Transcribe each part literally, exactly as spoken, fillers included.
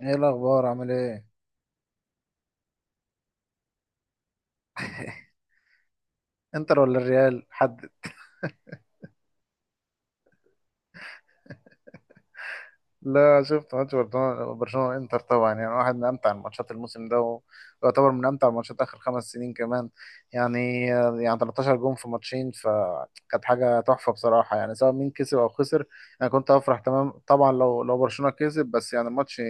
ايه الاخبار؟ عامل ايه؟ انتر ولا الريال؟ حد لا، شفت ماتش برشلونة. برشلونة انتر طبعا، يعني واحد من امتع الماتشات الموسم ده، ويعتبر من امتع الماتشات اخر خمس سنين كمان. يعني يعني تلتاشر جون في ماتشين، فكانت حاجة تحفة بصراحة، يعني سواء مين كسب او خسر. انا كنت افرح تمام طبعا لو لو برشلونة كسب، بس يعني الماتش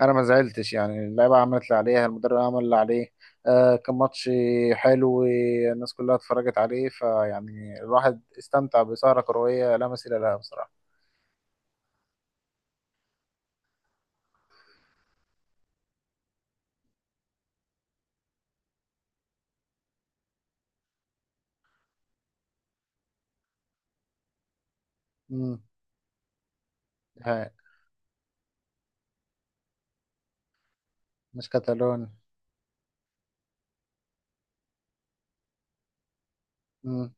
انا ما زعلتش. يعني اللعيبة عملت اللي عليها، المدرب عمل اللي عليه. آه كان ماتش حلو، الناس كلها اتفرجت عليه، فيعني الواحد استمتع بسهرة كروية لا مثيل لها بصراحة. امم مش كتالون. مم.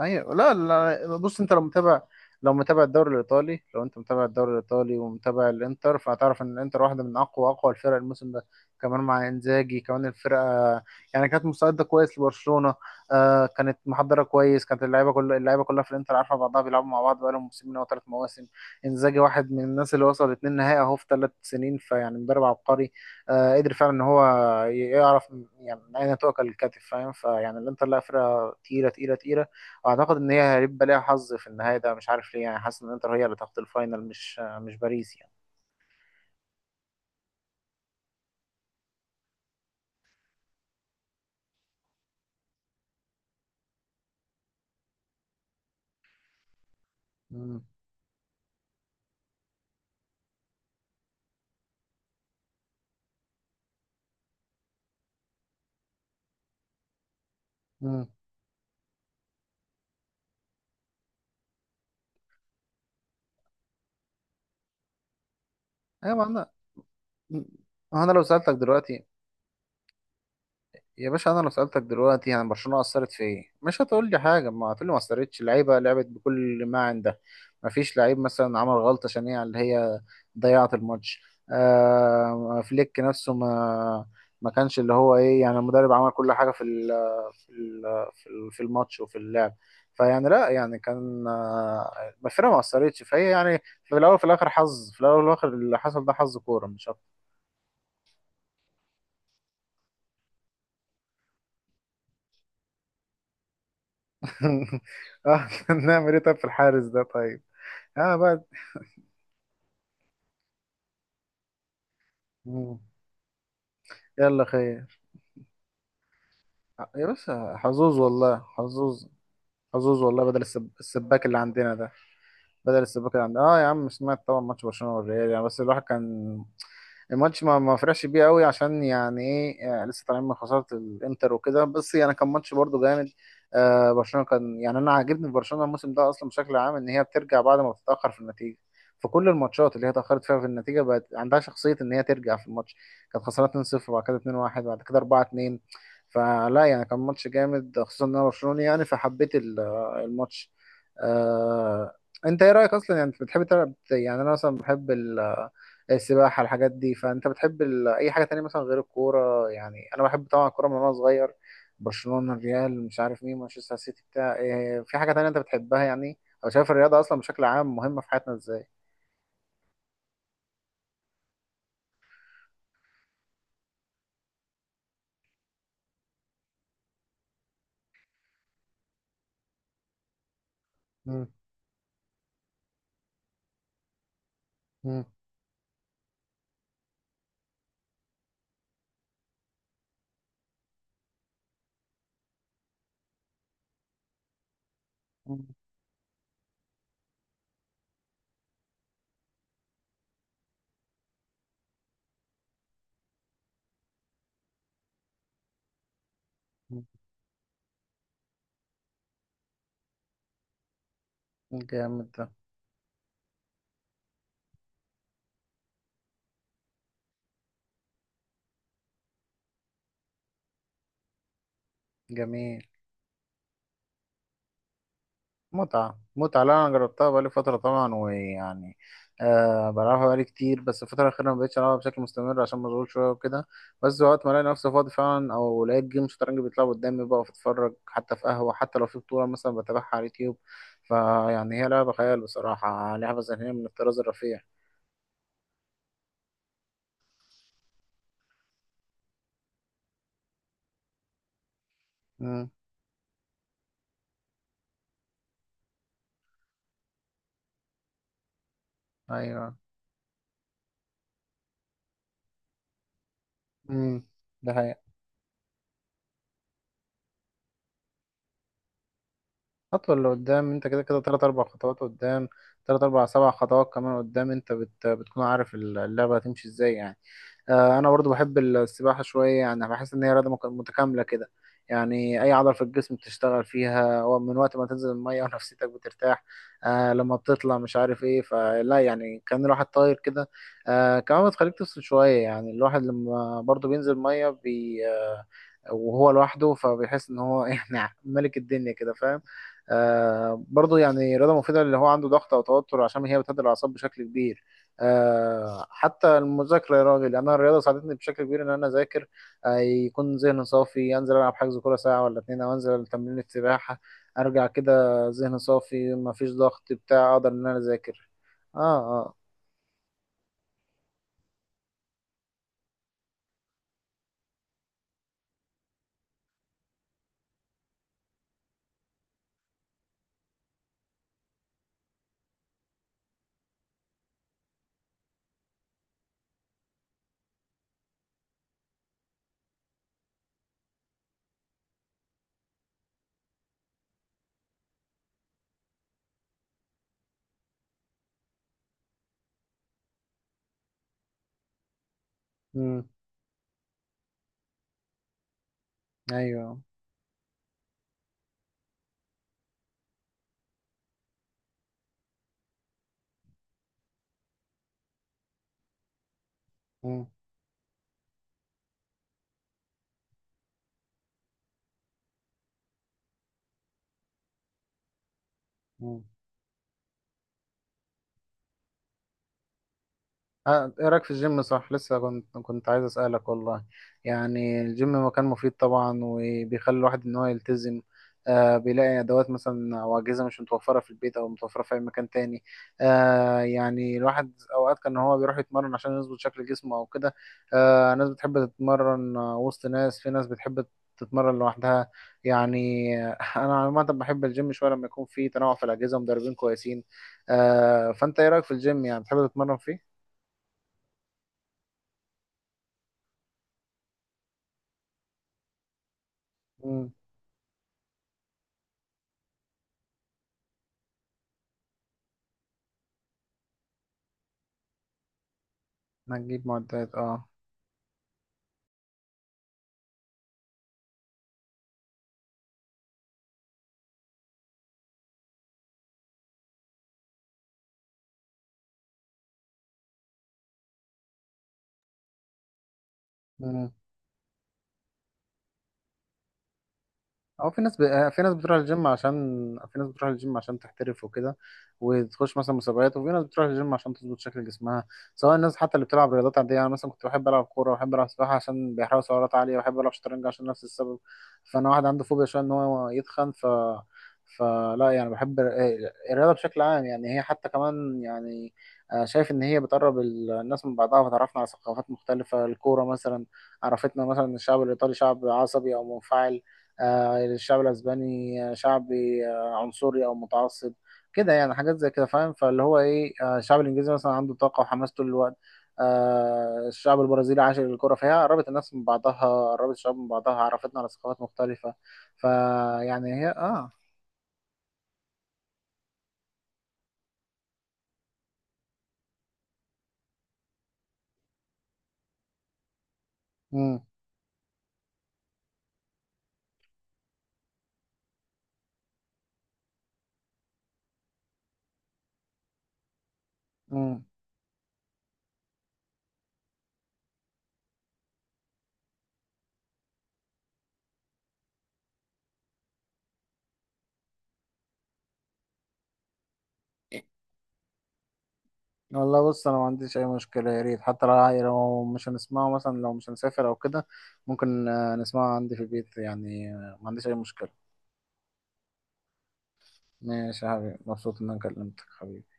ايوه لا لا، بص انت لو متابع، لو متابع الدوري الايطالي، لو انت متابع الدوري الايطالي ومتابع الانتر فهتعرف ان الانتر واحده من اقوى اقوى الفرق الموسم ده. كمان مع انزاجي كمان، الفرقه يعني كانت مستعده كويس لبرشلونه. آه كانت محضره كويس، كانت اللعيبه كل اللعيبه كلها في الانتر عارفه بعضها، بيلعبوا مع بعض بقالهم موسمين او ثلاث مواسم. انزاجي واحد من الناس اللي وصل اتنين نهائي اهو في ثلاث سنين، فيعني مدرب عبقري. آه قدر فعلا ان هو يعرف يعني من اين تؤكل الكتف، فاهم؟ فيعني الانتر لا، فرقه تقيله تقيله تقيله. اعتقد ان هي هيبقى ليها حظ في النهايه ده، مش عارف ليه، يعني حاسس ان انتر هي اللي تاخد الفاينل، مش مش باريس يعني. مم. مم. ايوه ما انا، ما انا لو سالتك دلوقتي، يا باشا انا لو سالتك دلوقتي يعني برشلونه اثرت في ايه، مش هتقول لي حاجه، ما هتقول لي ما اثرتش. اللعيبه لعبت بكل ما عندها، ما فيش لعيب مثلا عمل غلطه شنيعه اللي هي ضيعت الماتش. آه فليك نفسه ما ما كانش اللي هو ايه، يعني المدرب عمل كل حاجه في، في ال- في ال- في الماتش وفي اللعب. فيعني لا، يعني كان آه، الفرقه ما اثرتش، فهي يعني في الاول وفي الاخر حظ، في الاول والاخر اللي حصل ده حظ كوره مش اكتر. آه، نعمل ايه طيب في الحارس ده طيب؟ اه بقى. مم. يلا خير. آه، يا بس حظوظ والله، حظوظ. حظوظ والله، بدل السب... السباك اللي عندنا ده، بدل السباكة يعني. اه يا عم سمعت طبعا ماتش برشلونة والريال، يعني بس الواحد كان الماتش ما ما فرحش بيه قوي، عشان يعني ايه، يعني لسه طالعين من خسارة الانتر وكده، بس يعني كان ماتش برضه جامد. آه برشلونة كان يعني انا عاجبني في برشلونة الموسم ده اصلا بشكل عام، ان هي بترجع بعد ما بتتأخر في النتيجة، في كل الماتشات اللي هي اتأخرت فيها في النتيجة بقت عندها شخصية ان هي ترجع في الماتش. كانت خسرانة اثنين صفر، بعد كده اثنين واحد، بعد كده اربعة اثنين. فلا يعني كان ماتش جامد، خصوصا ان انا برشلوني يعني، فحبيت ال- آه، الماتش. آه، انت ايه رايك اصلا؟ يعني انت بتحب تلعب؟ يعني انا مثلا بحب ال- السباحه، الحاجات دي. فانت بتحب ال... اي حاجه تانية مثلا غير الكوره؟ يعني انا بحب طبعا الكوره من وانا صغير، برشلونه الريال مش عارف مين مانشستر سيتي بتاع إيه. في حاجه تانية انت بتحبها يعني؟ او شايف الرياضه اصلا بشكل عام مهمه في حياتنا ازاي؟ مم. مم. مم. جامد ده. جميل. متعة، متعة. لا أنا جربتها بقالي فترة طبعا، ويعني آه بلعبها بقالي كتير، بس الفترة الأخيرة ما بقتش ألعبها بشكل مستمر عشان مشغول شوية وكده. بس وقت ما ألاقي نفسي فاضي فعلا، أو لقيت جيم شطرنج بيتلعب قدامي بقف أتفرج، حتى في قهوة، حتى لو في بطولة مثلا بتابعها على اليوتيوب. فيعني هي لعبة خيال بصراحة، لعبة ذهنية من الطراز الرفيع. امم. أيوه. امم. ده حقيقة. خطوة اللي قدام، أنت كده كده تلات أربع خطوات قدام، تلات أربع سبع خطوات كمان قدام، أنت بت... بتكون عارف اللعبة هتمشي إزاي يعني. آه، انا برضو بحب السباحه شويه، يعني بحس ان هي رياضه مك- متكامله كده، يعني اي عضله في الجسم بتشتغل فيها، ومن وقت ما تنزل الميه ونفسيتك بترتاح. آه لما بتطلع مش عارف ايه، فلا يعني كان الواحد طاير كده. آه كمان بتخليك تفصل شويه، يعني الواحد لما برضو بينزل ميه بي آه وهو لوحده فبيحس ان هو يعني ملك الدنيا كده، فاهم؟ آه برضو يعني رياضه مفيده، اللي هو عنده ضغط او توتر، عشان هي بتهدي الاعصاب بشكل كبير. آه، حتى المذاكرة يا راجل، يعني أنا الرياضة ساعدتني بشكل كبير إن أنا أذاكر. آه، يكون ذهني صافي، أنزل ألعب حجز كورة ساعة ولا اتنين، أو أنزل تمرين السباحة، أرجع كده ذهني صافي، مفيش ضغط بتاع، أقدر إن أنا أذاكر. آه آه. مم. أيوه. مم. مم. آه، ايه رايك في الجيم؟ صح لسه كنت كنت عايز اسالك والله. يعني الجيم مكان مفيد طبعا، وبيخلي الواحد ان هو يلتزم. آه بيلاقي ادوات مثلا او اجهزه مش متوفره في البيت، او متوفره في اي مكان تاني. آه يعني الواحد اوقات كان هو بيروح يتمرن عشان يظبط شكل جسمه او كده. آه ناس بتحب تتمرن آه، وسط ناس، في ناس بتحب تتمرن لوحدها يعني. آه، انا عامه بحب الجيم شويه لما يكون في تنوع في الاجهزه ومدربين كويسين. آه فانت ايه رايك في الجيم؟ يعني بتحب تتمرن فيه؟ هتجيب معدات اه. مم. او في ناس ب... آه، في ناس بتروح الجيم عشان، في ناس بتروح الجيم عشان تحترف وكده، وتخش مثلا مسابقات. وفي ناس بتروح الجيم عشان تظبط شكل جسمها، سواء الناس حتى اللي بتلعب رياضات عاديه. انا مثلا كنت بحب العب كوره وبحب العب سباحه عشان بيحرقوا سعرات عاليه، وبحب العب شطرنج عشان نفس السبب، فانا واحد عنده فوبيا شويه ان هو يتخن. ف فلا يعني بحب ال- آه، الرياضه بشكل عام، يعني هي حتى كمان يعني آه، شايف ان هي بتقرب ال- الناس من بعضها، وتعرفنا على ثقافات مختلفه. الكوره مثلا عرفتنا مثلا إن الشعب الايطالي شعب عصبي او منفعل. آه، الشعب الاسباني آه، شعبي آه، عنصري او متعصب كده يعني، حاجات زي كده، فاهم؟ فاللي هو ايه، آه، الشعب الانجليزي مثلا عنده طاقه وحماس طول الوقت. آه، الشعب البرازيلي عاشق للكره. فهي قربت الناس من بعضها، قربت الشعوب من بعضها، عرفتنا على ثقافات مختلفه. فيعني هي اه. امم. امم. والله بص انا ما عنديش اي مشكله، يا ريت. حتى لو لو مش هنسمعه مثلا، لو مش هنسافر او كده، ممكن آه، نسمعه عندي في البيت يعني. آه، ما عنديش اي مشكله. ماشي يا حبيبي، مبسوط ان انا كلمتك حبيبي.